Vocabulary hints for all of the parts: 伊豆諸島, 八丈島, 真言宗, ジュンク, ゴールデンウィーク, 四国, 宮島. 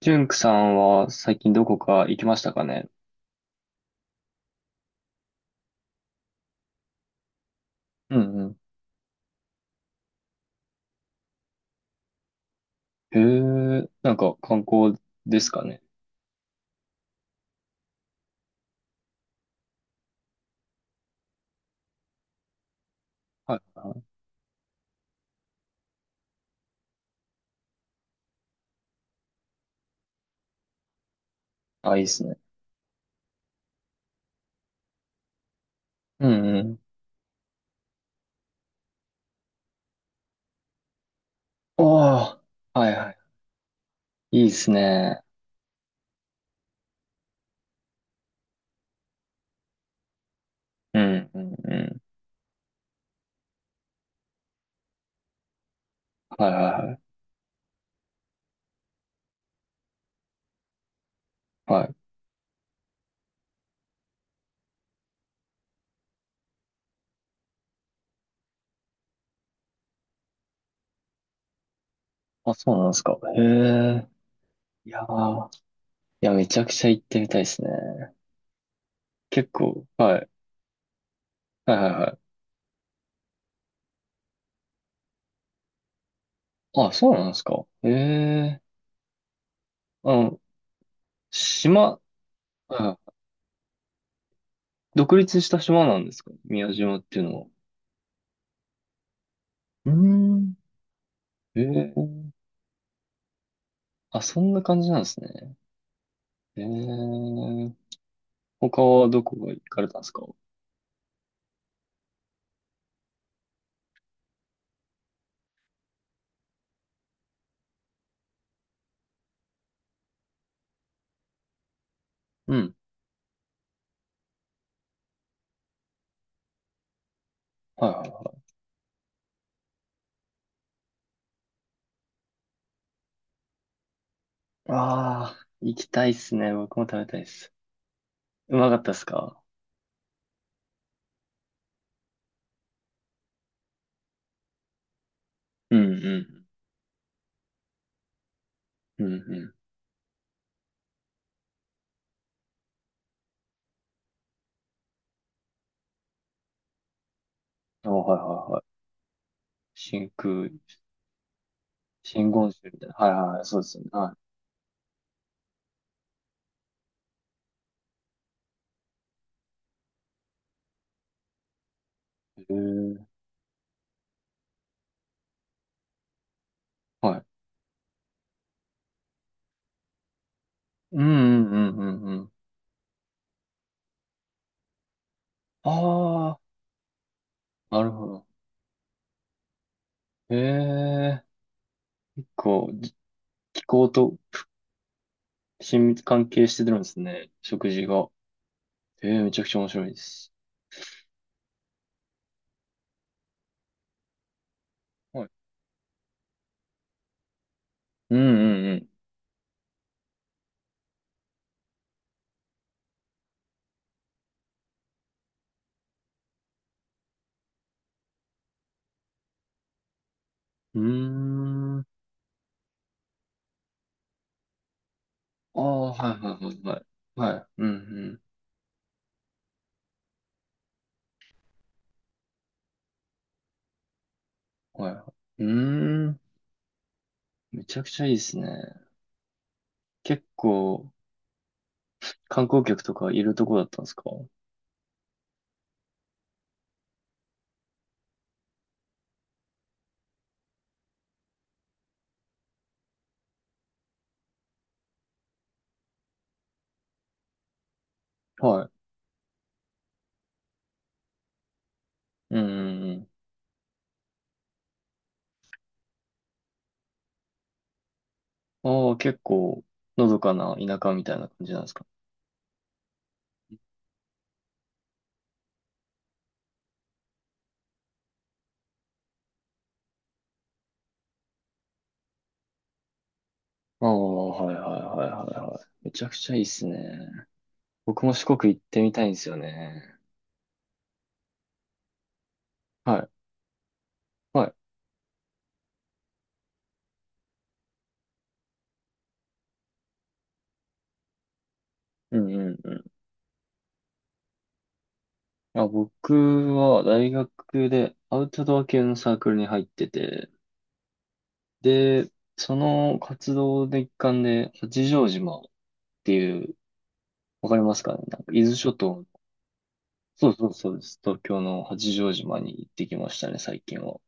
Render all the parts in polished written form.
ジュンクさんは最近どこか行きましたかね？うんうん。へえ、なんか観光ですかね。はいはい。あ、いいっすね。うんうん。ああ、はいはい。いいですね。うんうんうん。はいはいはい。はい。あ、そうなんですか。へえ。いやー、いや、めちゃくちゃ行ってみたいですね。結構、はい。はいはいはい。あ、そうなんですか。へえ。あの、島、はいはい。独立した島なんですか、宮島っていうのは？うーん。ええー。あ、そんな感じなんですね。ええー。他はどこが行かれたんですか？うん。はいはいはい。ああ、行きたいっすね。僕も食べたいっす。うまかったっすか？うんうん。うんうん。あ、はいはいはい。真空、真言宗みたいな。はいはいはい。そうですよね。はい。へえー。はい。うんうんうんうんうん。ああ、なるほど。へえ。結構、気候と親密関係してるんですね。食事が。ええ、めちゃくちゃ面白いです。はい。うんうんうん。うーん。ああ、はいはいはいはい。はい。うんうん。はいはい。うーん。めちゃくちゃいいですね。結構、観光客とかいるとこだったんですか？はい。うんうんうん。ああ、結構、のどかな田舎みたいな感じなんですか？ああ、はいはいはいはいはい。めちゃくちゃいいっすね。僕も四国行ってみたいんですよね。はい。はい。うんうんうん。あ、僕は大学でアウトドア系のサークルに入ってて、で、その活動の一環で、八丈島っていう、わかりますかね？なんか伊豆諸島の、そうそうそうです。東京の八丈島に行ってきましたね、最近は。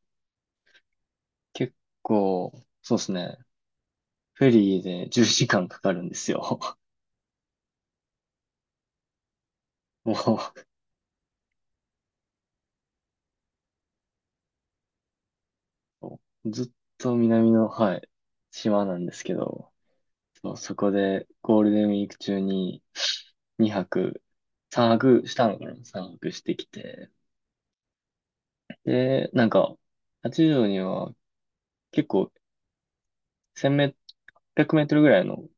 結構、そうですね。フェリーで10時間かかるんですよ。もう、ずっと南の、はい、島なんですけど、そう、そこでゴールデンウィーク中に2泊、3泊したのかな？ 3 泊してきて。で、なんか、八丈には結構1メ、800メートルぐらいの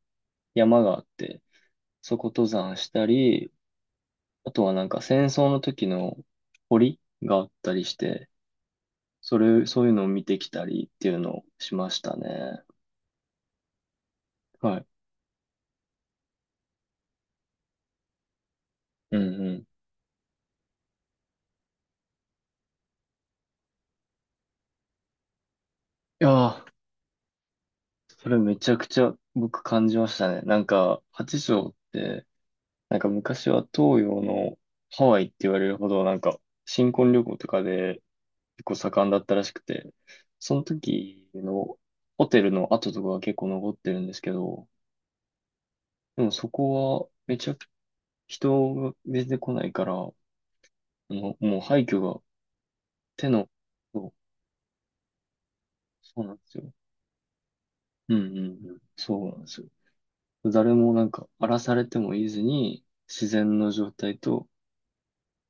山があって、そこ登山したり、あとはなんか戦争の時の堀があったりして、そういうのを見てきたりっていうのをしましたね。はい。うんうん。いやー、それめちゃくちゃ僕感じましたね。なんか、八丈って、なんか昔は東洋のハワイって言われるほど、なんか新婚旅行とかで結構盛んだったらしくて、その時のホテルの跡とかが結構残ってるんですけど、でもそこはめちゃく人が全然来ないから、もう廃墟が手の、そう、そうなんですよ。うんうんうん。そうなんですよ。誰もなんか荒らされてもいずに、自然の状態と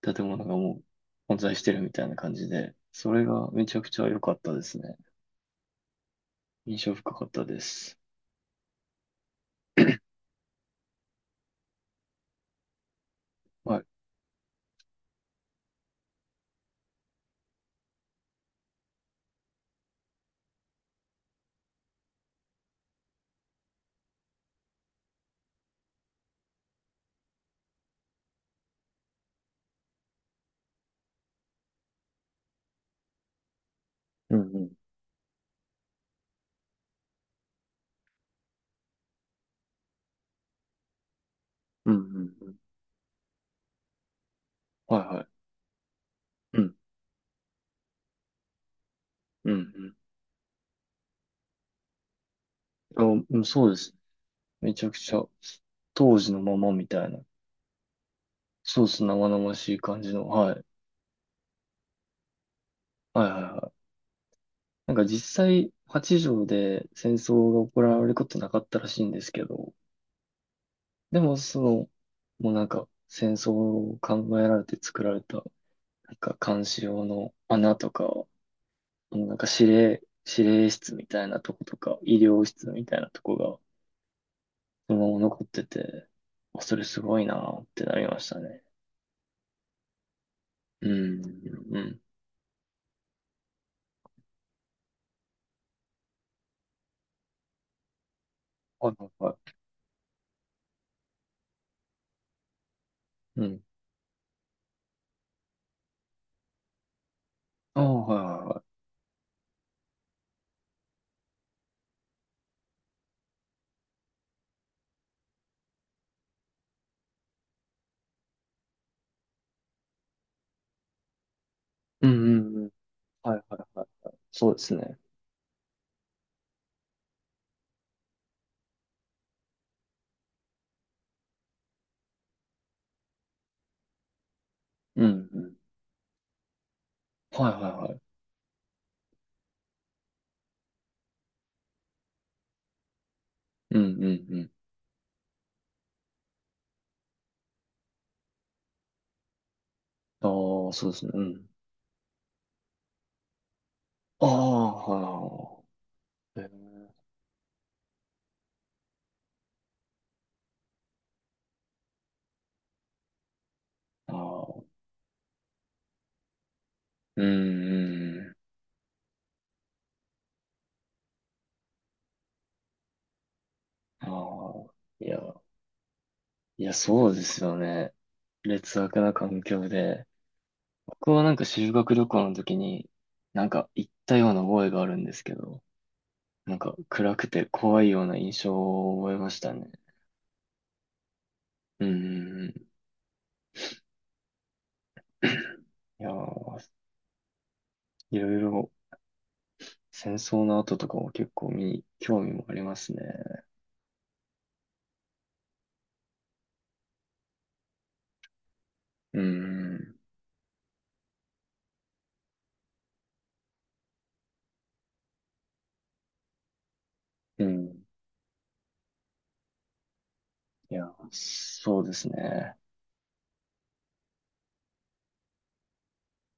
建物がもう混在してるみたいな感じで、それがめちゃくちゃ良かったですね。印象深かったです。はい。うんうん。うんうんうん。はいはい。うんうんうん。あ、うん、そうです。めちゃくちゃ、当時のままみたいな。そうです。生々しい感じの。はい。はいはいはい。なんか実際、八条で戦争が行われることなかったらしいんですけど、でもその、もうなんか戦争を考えられて作られた、なんか監視用の穴とか、もうなんか司令室みたいなとことか、医療室みたいなとこが、そのまま残ってて、あ、それすごいなってなりましたね。うん、うん。はいはいはい。うん。ああ、はいはいはい。うん、うん、うん。はいはいはいはい。そうですね。うん、うん。はいはいはい。うん、うん、うん。ああ、そうですね。うん。ああ、はいはいはい。えー、ああ、うん、うん。ああ、いや、いや、そうですよね。劣悪な環境で。僕はなんか修学旅行の時に、なんか行ったような覚えがあるんですけど、なんか暗くて怖いような印象を覚えましたね。うーん。いやー、いろいろ戦争の後とかも結構興味もありますね。うーん。うん。いや、そうですね。